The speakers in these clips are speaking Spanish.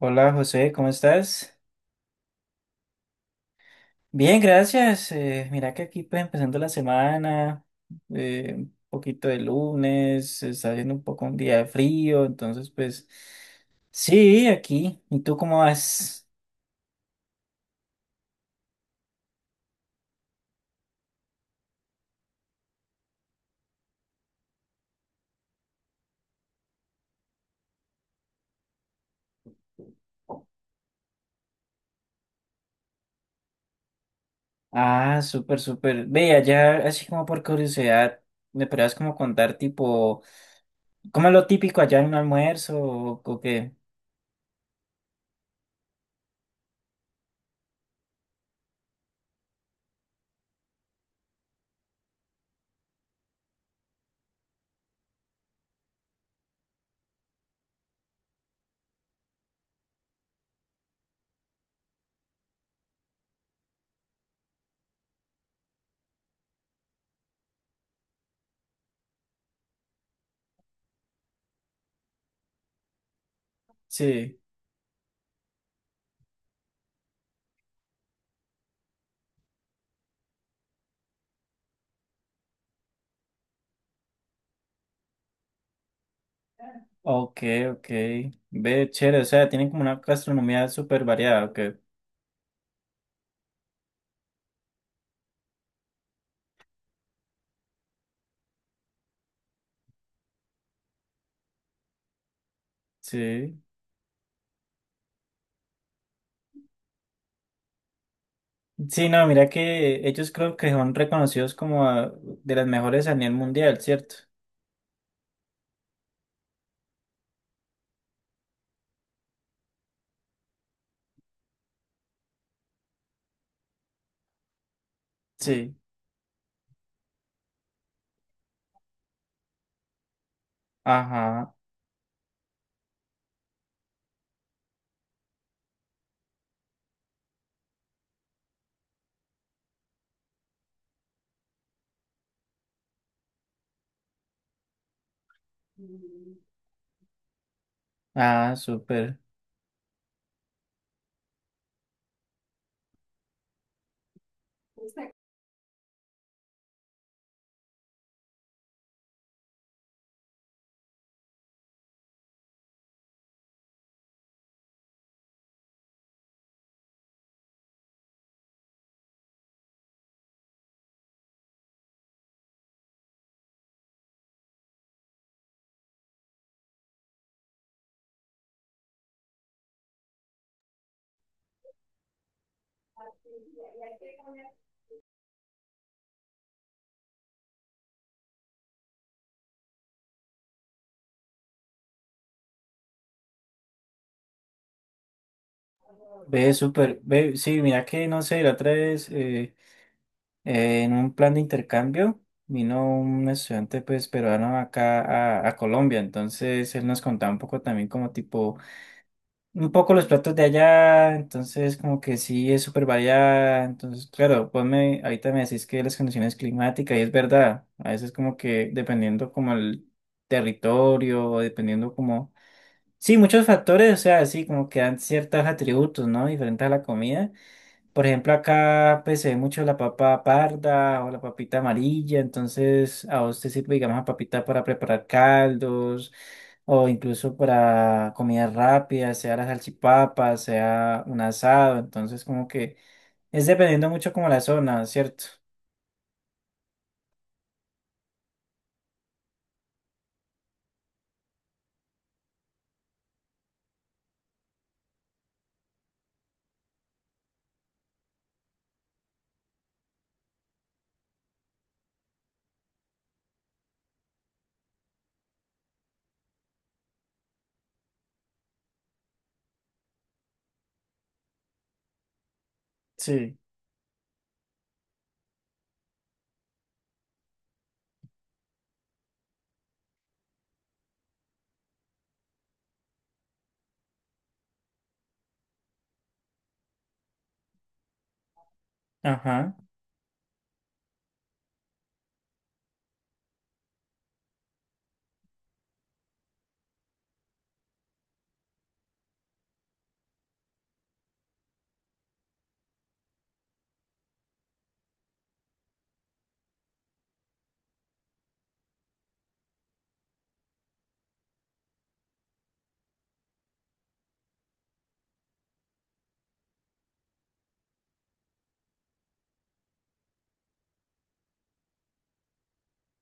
Hola José, ¿cómo estás? Bien, gracias. Mira que aquí pues empezando la semana, un poquito de lunes, se está haciendo un poco un día de frío, entonces pues sí, aquí. ¿Y tú cómo vas? Ah, súper, súper. Vea, ya así como por curiosidad, ¿me podrías como contar tipo, cómo es lo típico allá en un almuerzo o qué? Sí. Ok, ok. Ve, chévere, o sea, tienen como una gastronomía súper variada, ok. Sí. Sí, no, mira que ellos creo que son reconocidos como ah, de las mejores a nivel mundial, ¿cierto? Sí, ajá, ah, súper, ve, sí, mira que, no sé, la otra vez en un plan de intercambio vino un estudiante pues peruano acá a Colombia, entonces él nos contaba un poco también como tipo un poco los platos de allá, entonces como que sí es súper variada, entonces claro, vos me, ahorita me decís que las condiciones climáticas, y es verdad, a veces como que dependiendo como el territorio, o dependiendo como, sí, muchos factores, o sea, sí, como que dan ciertos atributos, ¿no? Diferentes a la comida. Por ejemplo, acá pues se ve mucho la papa parda o la papita amarilla, entonces a vos te sirve, digamos, la papita para preparar caldos o incluso para comidas rápidas, sea las salchipapas, sea un asado, entonces como que es dependiendo mucho como la zona, ¿cierto? Sí, ajá,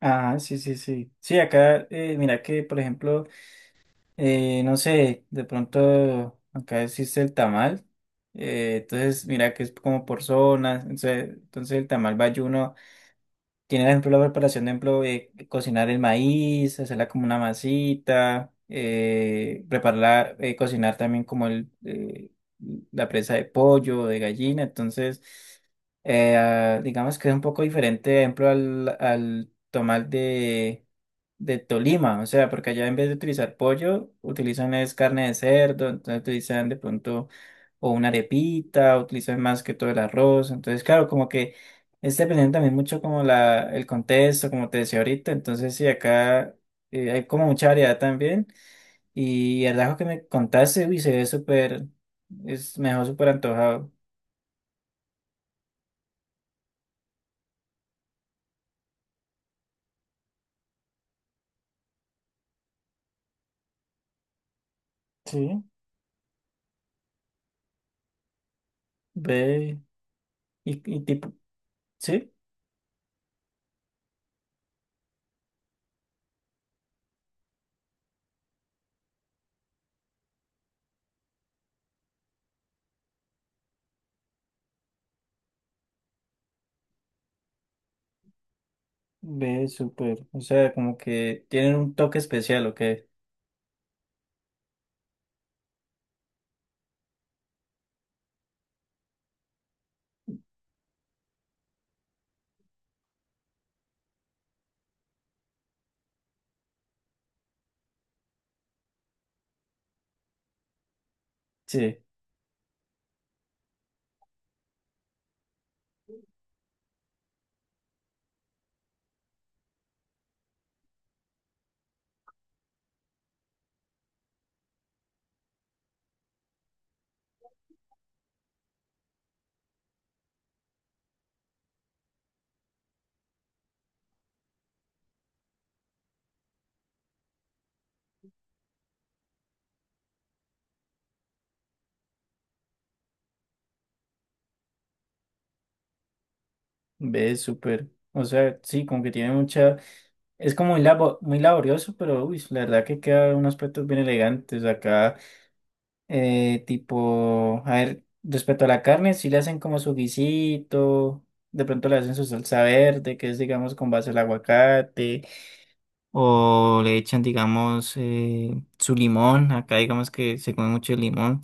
ajá, sí, sí, sí. Sí, acá, mira que, por ejemplo, no sé, de pronto acá existe el tamal, entonces mira que es como por zonas, entonces, entonces el tamal bayuno tiene, por ejemplo, la preparación de, ejemplo, cocinar el maíz, hacerla como una masita, prepararla, cocinar también como el, la presa de pollo, de gallina. Entonces, ah, digamos que es un poco diferente, por ejemplo, al, al tomar de Tolima. O sea, porque allá en vez de utilizar pollo, utilizan es carne de cerdo, entonces utilizan de pronto o una arepita, utilizan más que todo el arroz. Entonces, claro, como que es dependiendo también mucho como la, el contexto, como te decía ahorita, entonces sí, acá hay como mucha variedad también y el ajo que me contaste, uy, se ve súper, es mejor súper antojado. Sí, ve, y tipo, sí, ve súper, o sea, como que tienen un toque especial, ¿o qué? Sí, ve súper, o sea, sí, como que tiene mucha... Es como muy, labo- muy laborioso, pero uy, la verdad que queda unos aspectos bien elegantes. Acá tipo, a ver, respecto a la carne, si le hacen como su guisito, de pronto le hacen su salsa verde, que es, digamos, con base al aguacate, o le echan, digamos, su limón, acá digamos que se come mucho el limón,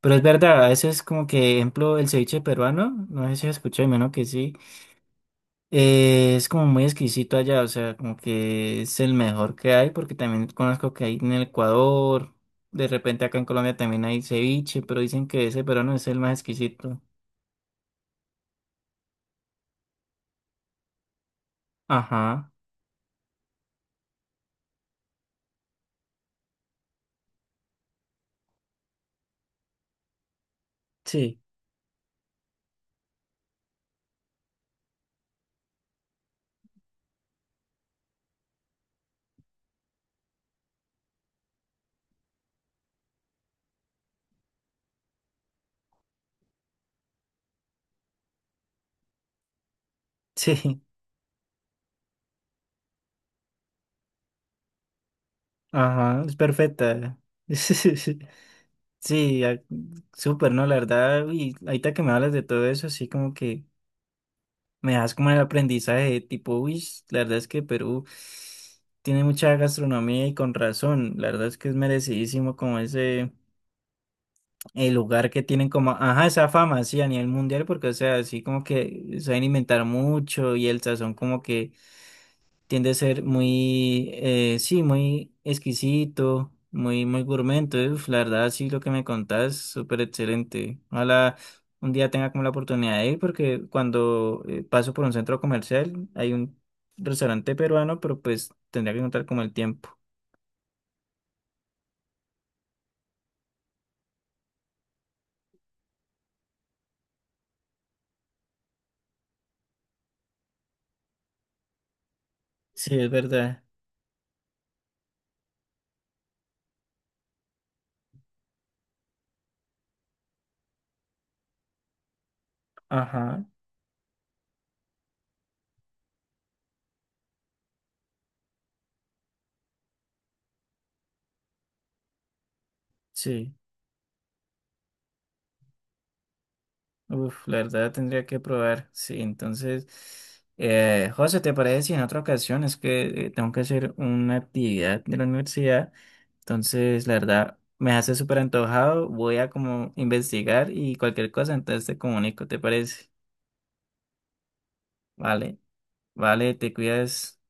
pero es verdad, a veces como que, ejemplo, el ceviche peruano, no sé si has escuchado, menos que sí. Es como muy exquisito allá, o sea, como que es el mejor que hay, porque también conozco que hay en el Ecuador, de repente acá en Colombia también hay ceviche, pero dicen que ese peruano es el más exquisito. Ajá, sí, sí, ajá, es perfecta. Sí, ah, súper, ¿no? La verdad, y ahorita que me hablas de todo eso, así como que me das como el aprendizaje, tipo, uy, la verdad es que Perú tiene mucha gastronomía y con razón, la verdad es que es merecidísimo como ese el lugar que tienen como, ajá, esa fama, así a nivel mundial, porque, o sea, así como que saben inventar mucho y el sazón como que tiende a ser muy, sí, muy exquisito, muy, muy gourmet, entonces, uf, la verdad, sí, lo que me contás, súper excelente. Ojalá un día tenga como la oportunidad de ir, porque cuando paso por un centro comercial, hay un restaurante peruano, pero pues tendría que contar como el tiempo. Sí, es verdad. Ajá, sí. Uf, la verdad tendría que probar. Sí, entonces, José, ¿te parece si en otra ocasión es que tengo que hacer una actividad de la universidad? Entonces, la verdad, me hace súper antojado. Voy a como investigar y cualquier cosa, entonces te comunico, ¿te parece? Vale, vale, te cuidas.